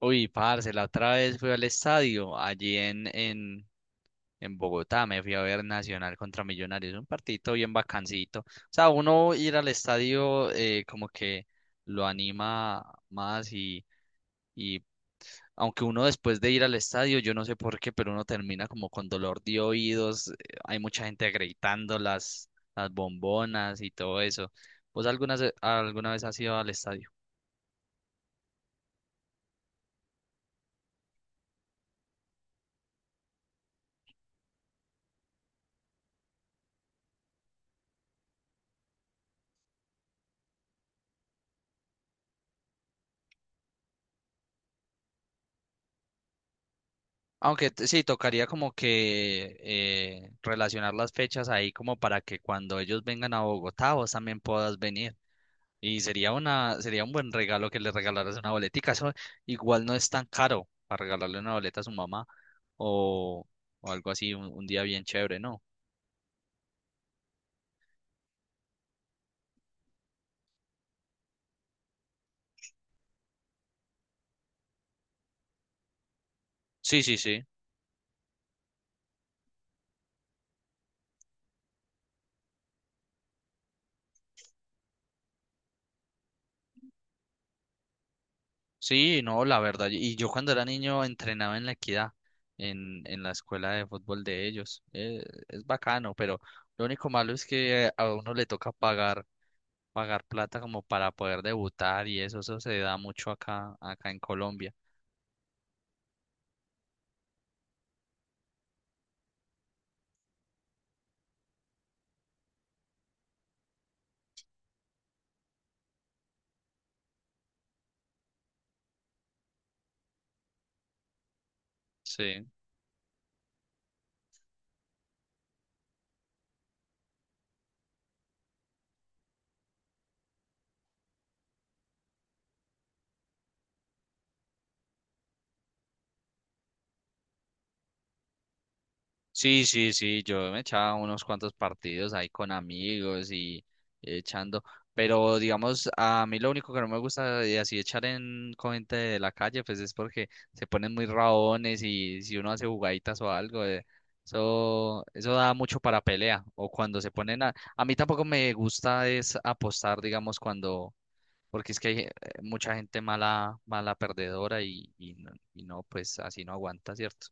Uy, parce, la otra vez fui al estadio, allí en Bogotá. Me fui a ver Nacional contra Millonarios, un partidito bien bacancito. O sea, uno ir al estadio como que lo anima más y aunque uno después de ir al estadio, yo no sé por qué, pero uno termina como con dolor de oídos, hay mucha gente gritando las bombonas y todo eso. ¿Vos alguna vez has ido al estadio? Sí, tocaría como que relacionar las fechas ahí como para que cuando ellos vengan a Bogotá vos también puedas venir. Y sería un buen regalo que le regalaras una boletica. Eso igual no es tan caro para regalarle una boleta a su mamá o, o algo así, un día bien chévere, ¿no? Sí, sí, sí. Sí, no, la verdad. Y yo cuando era niño entrenaba en la Equidad, en la escuela de fútbol de ellos. Es bacano, pero lo único malo es que a uno le toca pagar plata como para poder debutar, y eso se da mucho acá en Colombia. Sí. Sí, sí, sí, yo me echaba unos cuantos partidos ahí con amigos y echando, pero digamos, a mí lo único que no me gusta de así echar en con gente de la calle, pues es porque se ponen muy raones, y si uno hace jugaditas o algo, eso da mucho para pelea. O cuando se ponen a mí tampoco me gusta es apostar, digamos, cuando porque es que hay mucha gente mala, mala perdedora y no, pues así no aguanta, ¿cierto?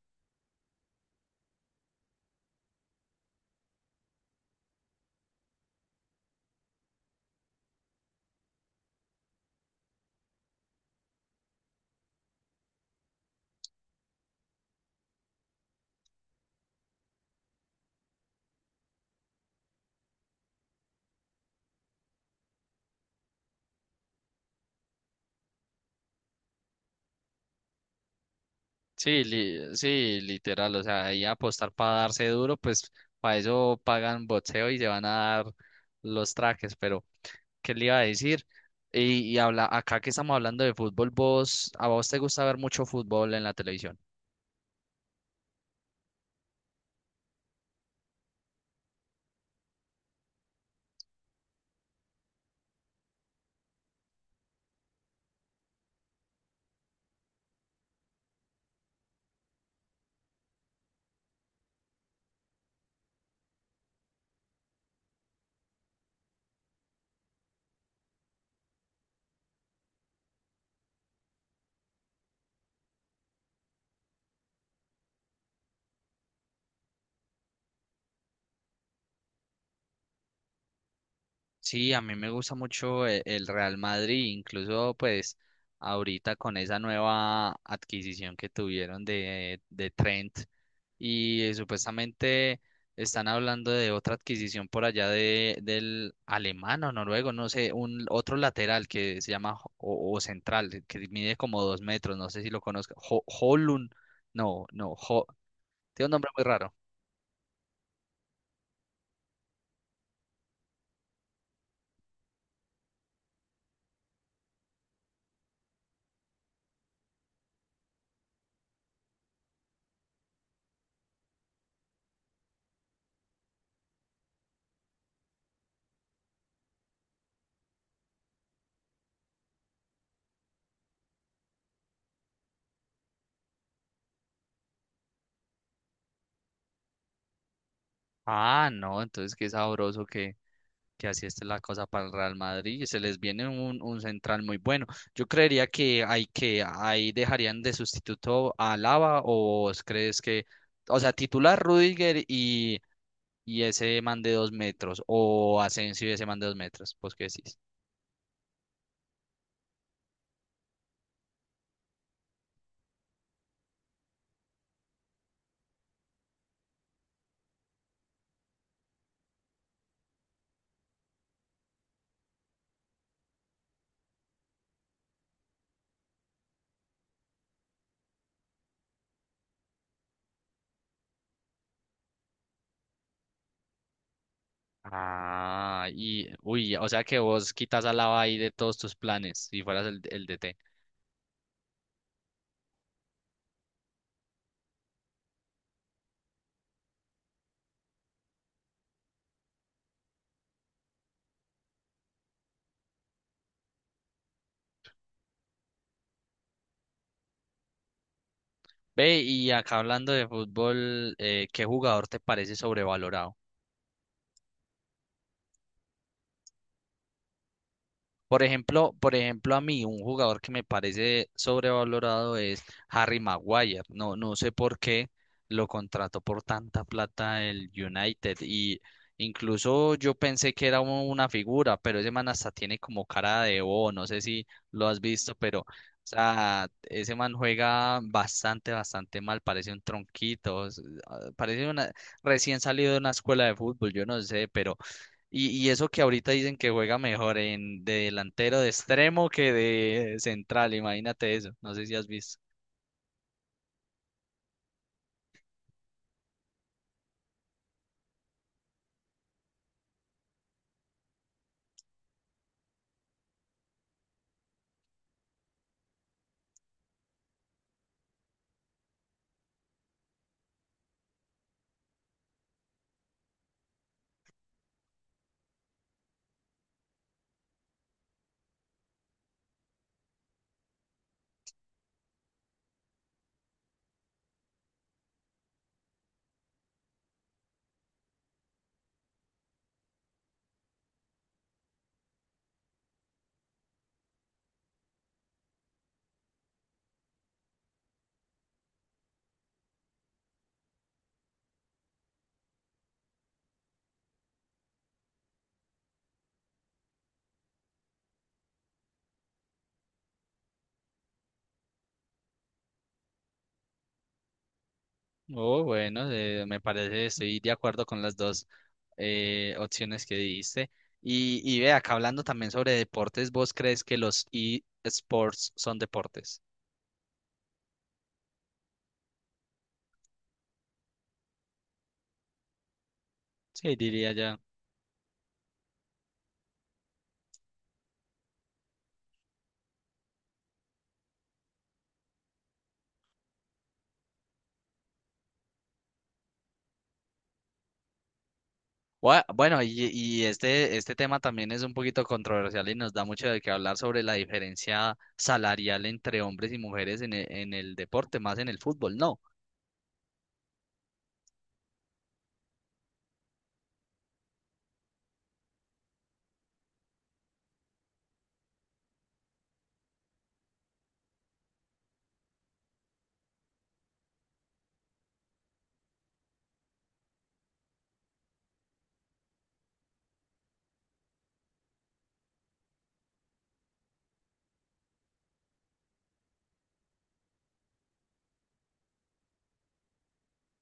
Sí, literal, o sea, ahí apostar para darse duro, pues para eso pagan boxeo y se van a dar los trajes. Pero ¿qué le iba a decir? Y habla, acá que estamos hablando de fútbol. Vos, ¿a vos te gusta ver mucho fútbol en la televisión? Sí, a mí me gusta mucho el Real Madrid, incluso pues ahorita con esa nueva adquisición que tuvieron de Trent y supuestamente están hablando de otra adquisición por allá de, del alemán o noruego, no sé, un otro lateral que se llama o central, que mide como dos metros, no sé si lo conozco, Højlund, no, no, Jo- tiene un nombre muy raro. Ah, no, entonces qué sabroso que así está la cosa para el Real Madrid y se les viene un central muy bueno. Yo creería que hay que ahí dejarían de sustituto a Alaba. O vos crees que, o sea, titular Rudiger y ese man de dos metros, o Asensio y ese man de dos metros, pues qué decís. Ah, y uy, o sea que vos quitas a Alaba ahí de todos tus planes si fueras el DT. Ve, y acá hablando de fútbol, ¿qué jugador te parece sobrevalorado? Por ejemplo, a mí un jugador que me parece sobrevalorado es Harry Maguire. No, no sé por qué lo contrató por tanta plata el United. Y incluso yo pensé que era una figura, pero ese man hasta tiene como cara de bobo. No sé si lo has visto, pero o sea, ese man juega bastante, bastante mal. Parece un tronquito. Ah, parece una, recién salido de una escuela de fútbol. Yo no sé, pero y eso que ahorita dicen que juega mejor en de delantero de extremo que de central. Imagínate eso, no sé si has visto. Oh, bueno, me parece, estoy de acuerdo con las dos opciones que diste. Y ve, acá hablando también sobre deportes, ¿vos crees que los eSports son deportes? Sí, diría ya. Bueno, y este tema también es un poquito controversial y nos da mucho de qué hablar sobre la diferencia salarial entre hombres y mujeres en en el deporte, más en el fútbol, ¿no?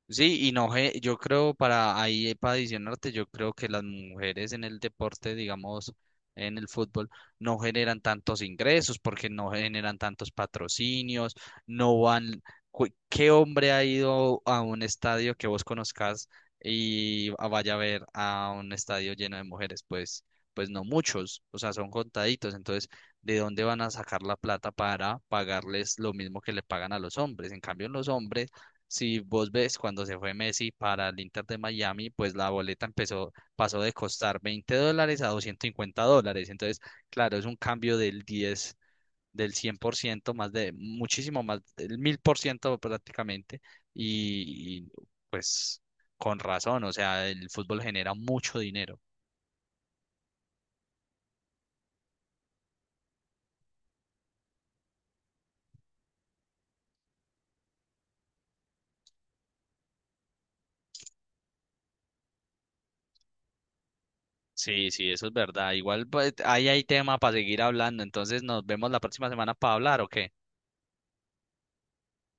Sí, y no, ge- yo creo para ahí, para adicionarte, yo creo que las mujeres en el deporte, digamos, en el fútbol, no generan tantos ingresos porque no generan tantos patrocinios, no van, cu- ¿qué hombre ha ido a un estadio que vos conozcas y a- vaya a ver a un estadio lleno de mujeres? Pues, pues no muchos, o sea, son contaditos. Entonces, ¿de dónde van a sacar la plata para pagarles lo mismo que le pagan a los hombres? En cambio, en los hombres, si vos ves, cuando se fue Messi para el Inter de Miami, pues la boleta empezó, pasó de costar $20 a $250. Entonces, claro, es un cambio del 100%, más de, muchísimo más, del 1000% prácticamente. Y, pues con razón, o sea, el fútbol genera mucho dinero. Sí, sí, eso es verdad. Igual pues, ahí hay tema para seguir hablando. Entonces, nos vemos la próxima semana para hablar, ¿ok?